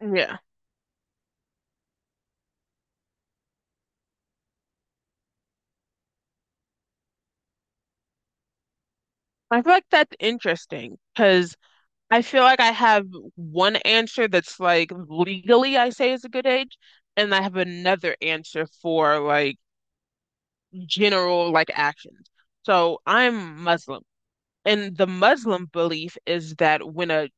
Yeah. I feel like that's interesting because I feel like I have one answer that's like legally I say is a good age, and I have another answer for like general like actions. So I'm Muslim. And the Muslim belief is that when a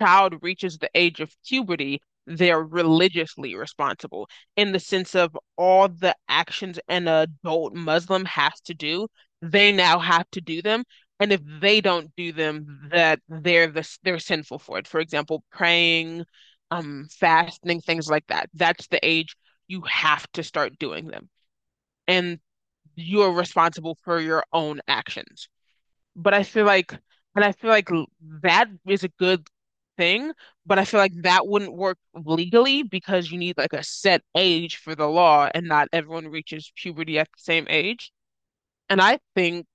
child reaches the age of puberty, they're religiously responsible in the sense of all the actions an adult Muslim has to do, they now have to do them. And if they don't do them, that they're sinful for it. For example, praying, fasting, things like that. That's the age you have to start doing them. And you're responsible for your own actions. But I feel like, and I feel like l- that is a good thing, but I feel like that wouldn't work legally because you need like a set age for the law and not everyone reaches puberty at the same age. And I think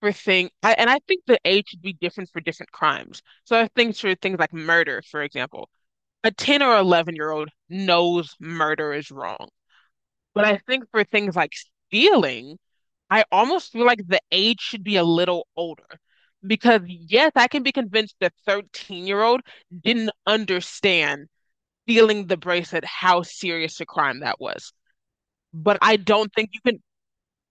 and I think the age should be different for different crimes. So I think for things like murder, for example, a 10 or 11-year-old knows murder is wrong. But I think for things like stealing, I almost feel like the age should be a little older because, yes, I can be convinced the 13-year-old didn't understand feeling the bracelet, how serious a crime that was. But I don't think you can,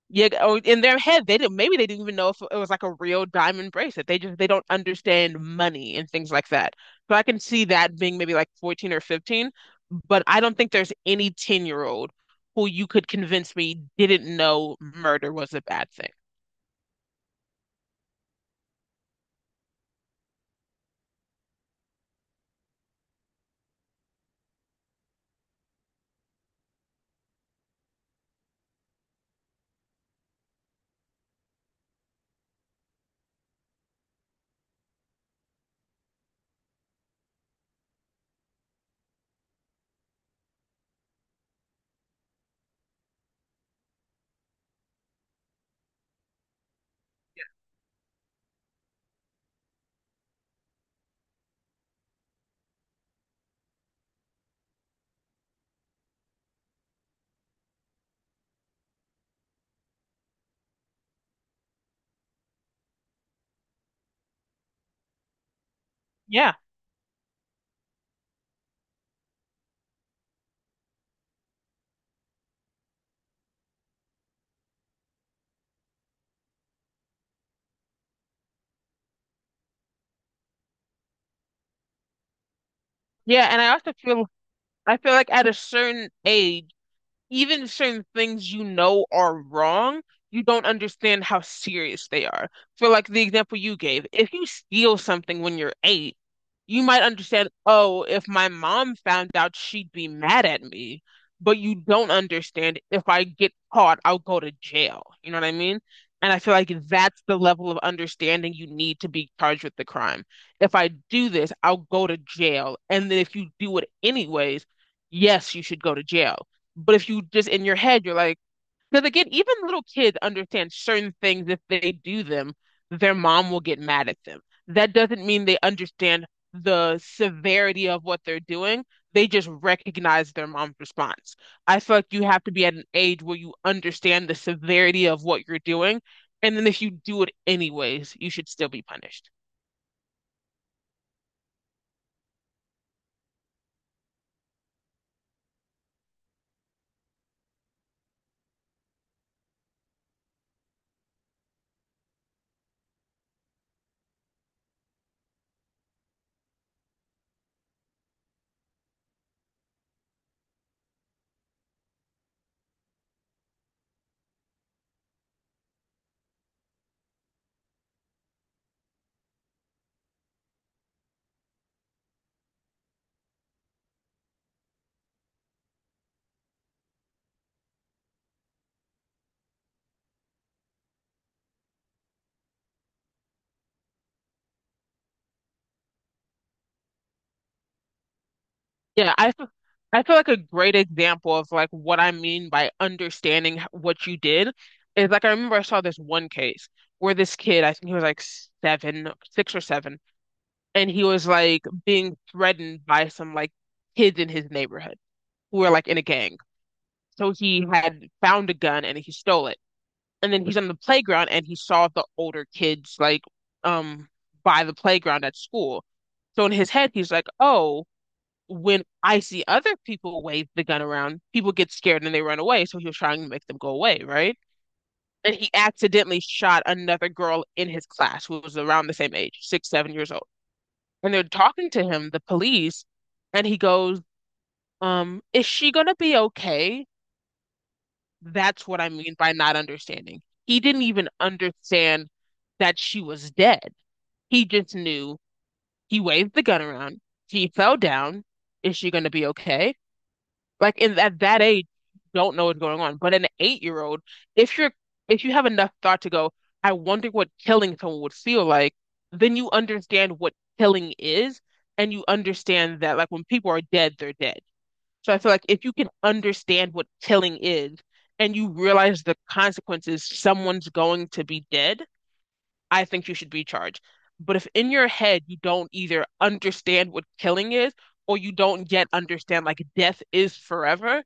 yeah, or in their head, they didn't, maybe they didn't even know if it was like a real diamond bracelet. They don't understand money and things like that. So I can see that being maybe like 14 or 15, but I don't think there's any 10-year-old who you could convince me didn't know murder was a bad thing. Yeah, yeah, and I feel like at a certain age even if certain things you know are wrong, you don't understand how serious they are. For like the example you gave, if you steal something when you're 8, you might understand, oh, if my mom found out, she'd be mad at me. But you don't understand if I get caught, I'll go to jail. You know what I mean? And I feel like that's the level of understanding you need to be charged with the crime. If I do this, I'll go to jail. And then if you do it anyways, yes, you should go to jail but if you just in your head, you're like, because again, even little kids understand certain things. If they do them, their mom will get mad at them. That doesn't mean they understand the severity of what they're doing. They just recognize their mom's response. I feel like you have to be at an age where you understand the severity of what you're doing. And then if you do it anyways, you should still be punished. Yeah, I feel like a great example of like what I mean by what you did is like I remember I saw this one case where this kid, I think he was like seven, no, 6 or 7, and he was like being threatened by some like kids in his neighborhood who were like in a gang. So he had found a gun and he stole it. And then he's on the playground and he saw the older kids like um by the playground at school. So in his head he's like, "Oh, when I see other people wave the gun around, people get scared and they run away." So he was trying to make them go away, right? And he accidentally shot another girl in his class who was around the same age, 6, 7 years old. And they're talking to him, the police, and he goes, is she gonna be okay? That's what I mean by not understanding. He didn't even understand that she was dead. He just knew he waved the gun around. She fell down. Is she gonna be okay? Like in at that age, you don't know what's going on. But an 8-year-old, if you're if you have enough thought to go, I wonder what killing someone would feel like, then you understand what killing is, and you understand that like when people are dead, they're dead. So I feel like if you can understand what killing is and you realize the consequences, someone's going to be dead, I think you should be charged. But if in your head you don't either understand what killing is or you don't yet understand like death is forever,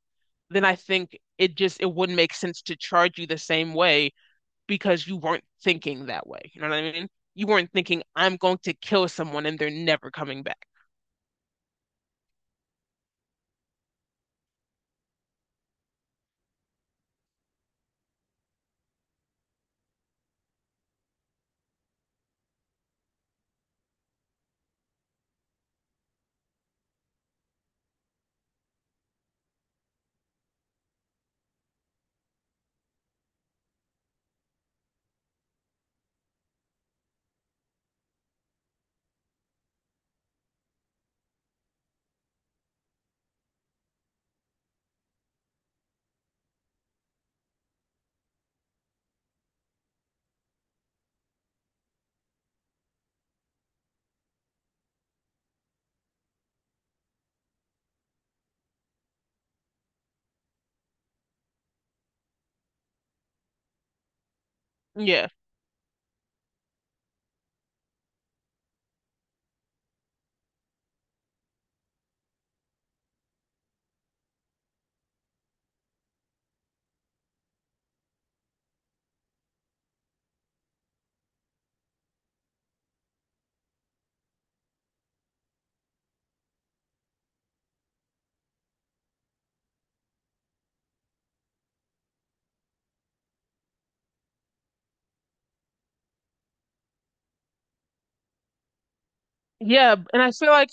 then I think it wouldn't make sense to charge you the same way because you weren't thinking that way. You know what I mean? You weren't thinking, I'm going to kill someone and they're never coming back. Yeah. Yeah.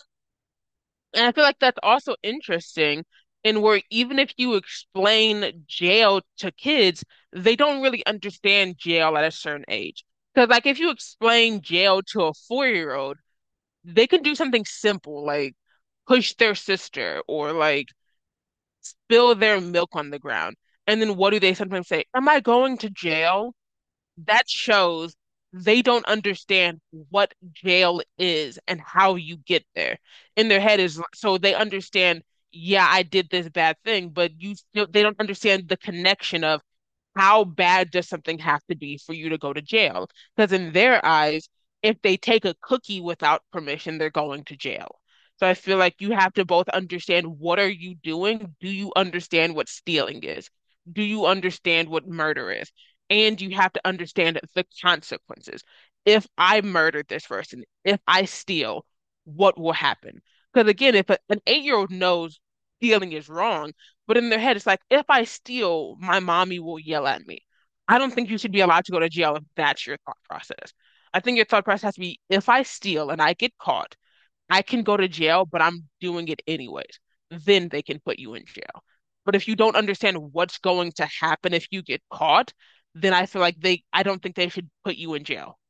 And I feel like that's also interesting in where even if you explain jail to kids, they don't really understand jail at a certain age. Because like if you explain jail to a 4-year-old, they can do something simple like push their sister or like spill their milk on the ground. And then what do they sometimes say? Am I going to jail? That shows they don't understand what jail is and how you get there. In their head is so they understand, yeah, I did this bad thing, but you still they don't understand the connection of how bad does something have to be for you to go to jail? Because in their eyes, if they take a cookie without permission, they're going to jail. So I feel like you have to both understand what are you doing? Do you understand what stealing is? Do you understand what murder is? And you have to understand the consequences. If I murder this person, if I steal, what will happen? Because again, if a, an 8-year-old knows stealing is wrong, but in their head, it's like, if I steal, my mommy will yell at me. I don't think you should be allowed to go to jail if that's your thought process. I think your thought process has to be, if I steal and I get caught, I can go to jail, but I'm doing it anyways. Then they can put you in jail. But if you don't understand what's going to happen if you get caught, then I feel like I don't think they should put you in jail.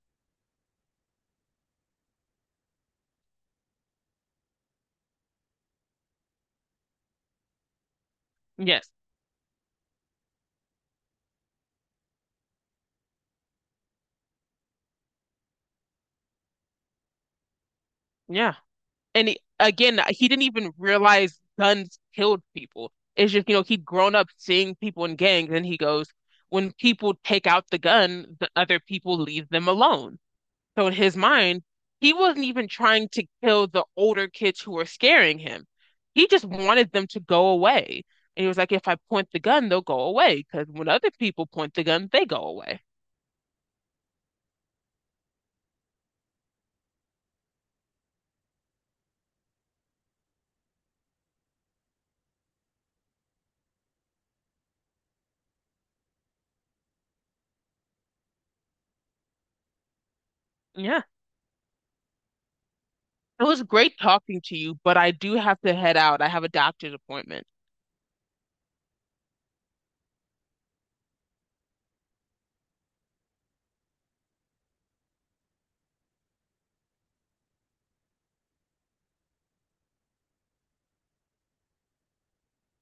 Yes. Yeah. And he, again, he didn't even realize guns killed people. It's just, you know, he'd grown up seeing people in gangs, and he goes, when people take out the gun, the other people leave them alone. So in his mind, he wasn't even trying to kill the older kids who were scaring him. He just wanted them to go away. And he was like, if I point the gun, they'll go away. Because when other people point the gun, they go away. Yeah. It was great talking to you, but I do have to head out. I have a doctor's appointment.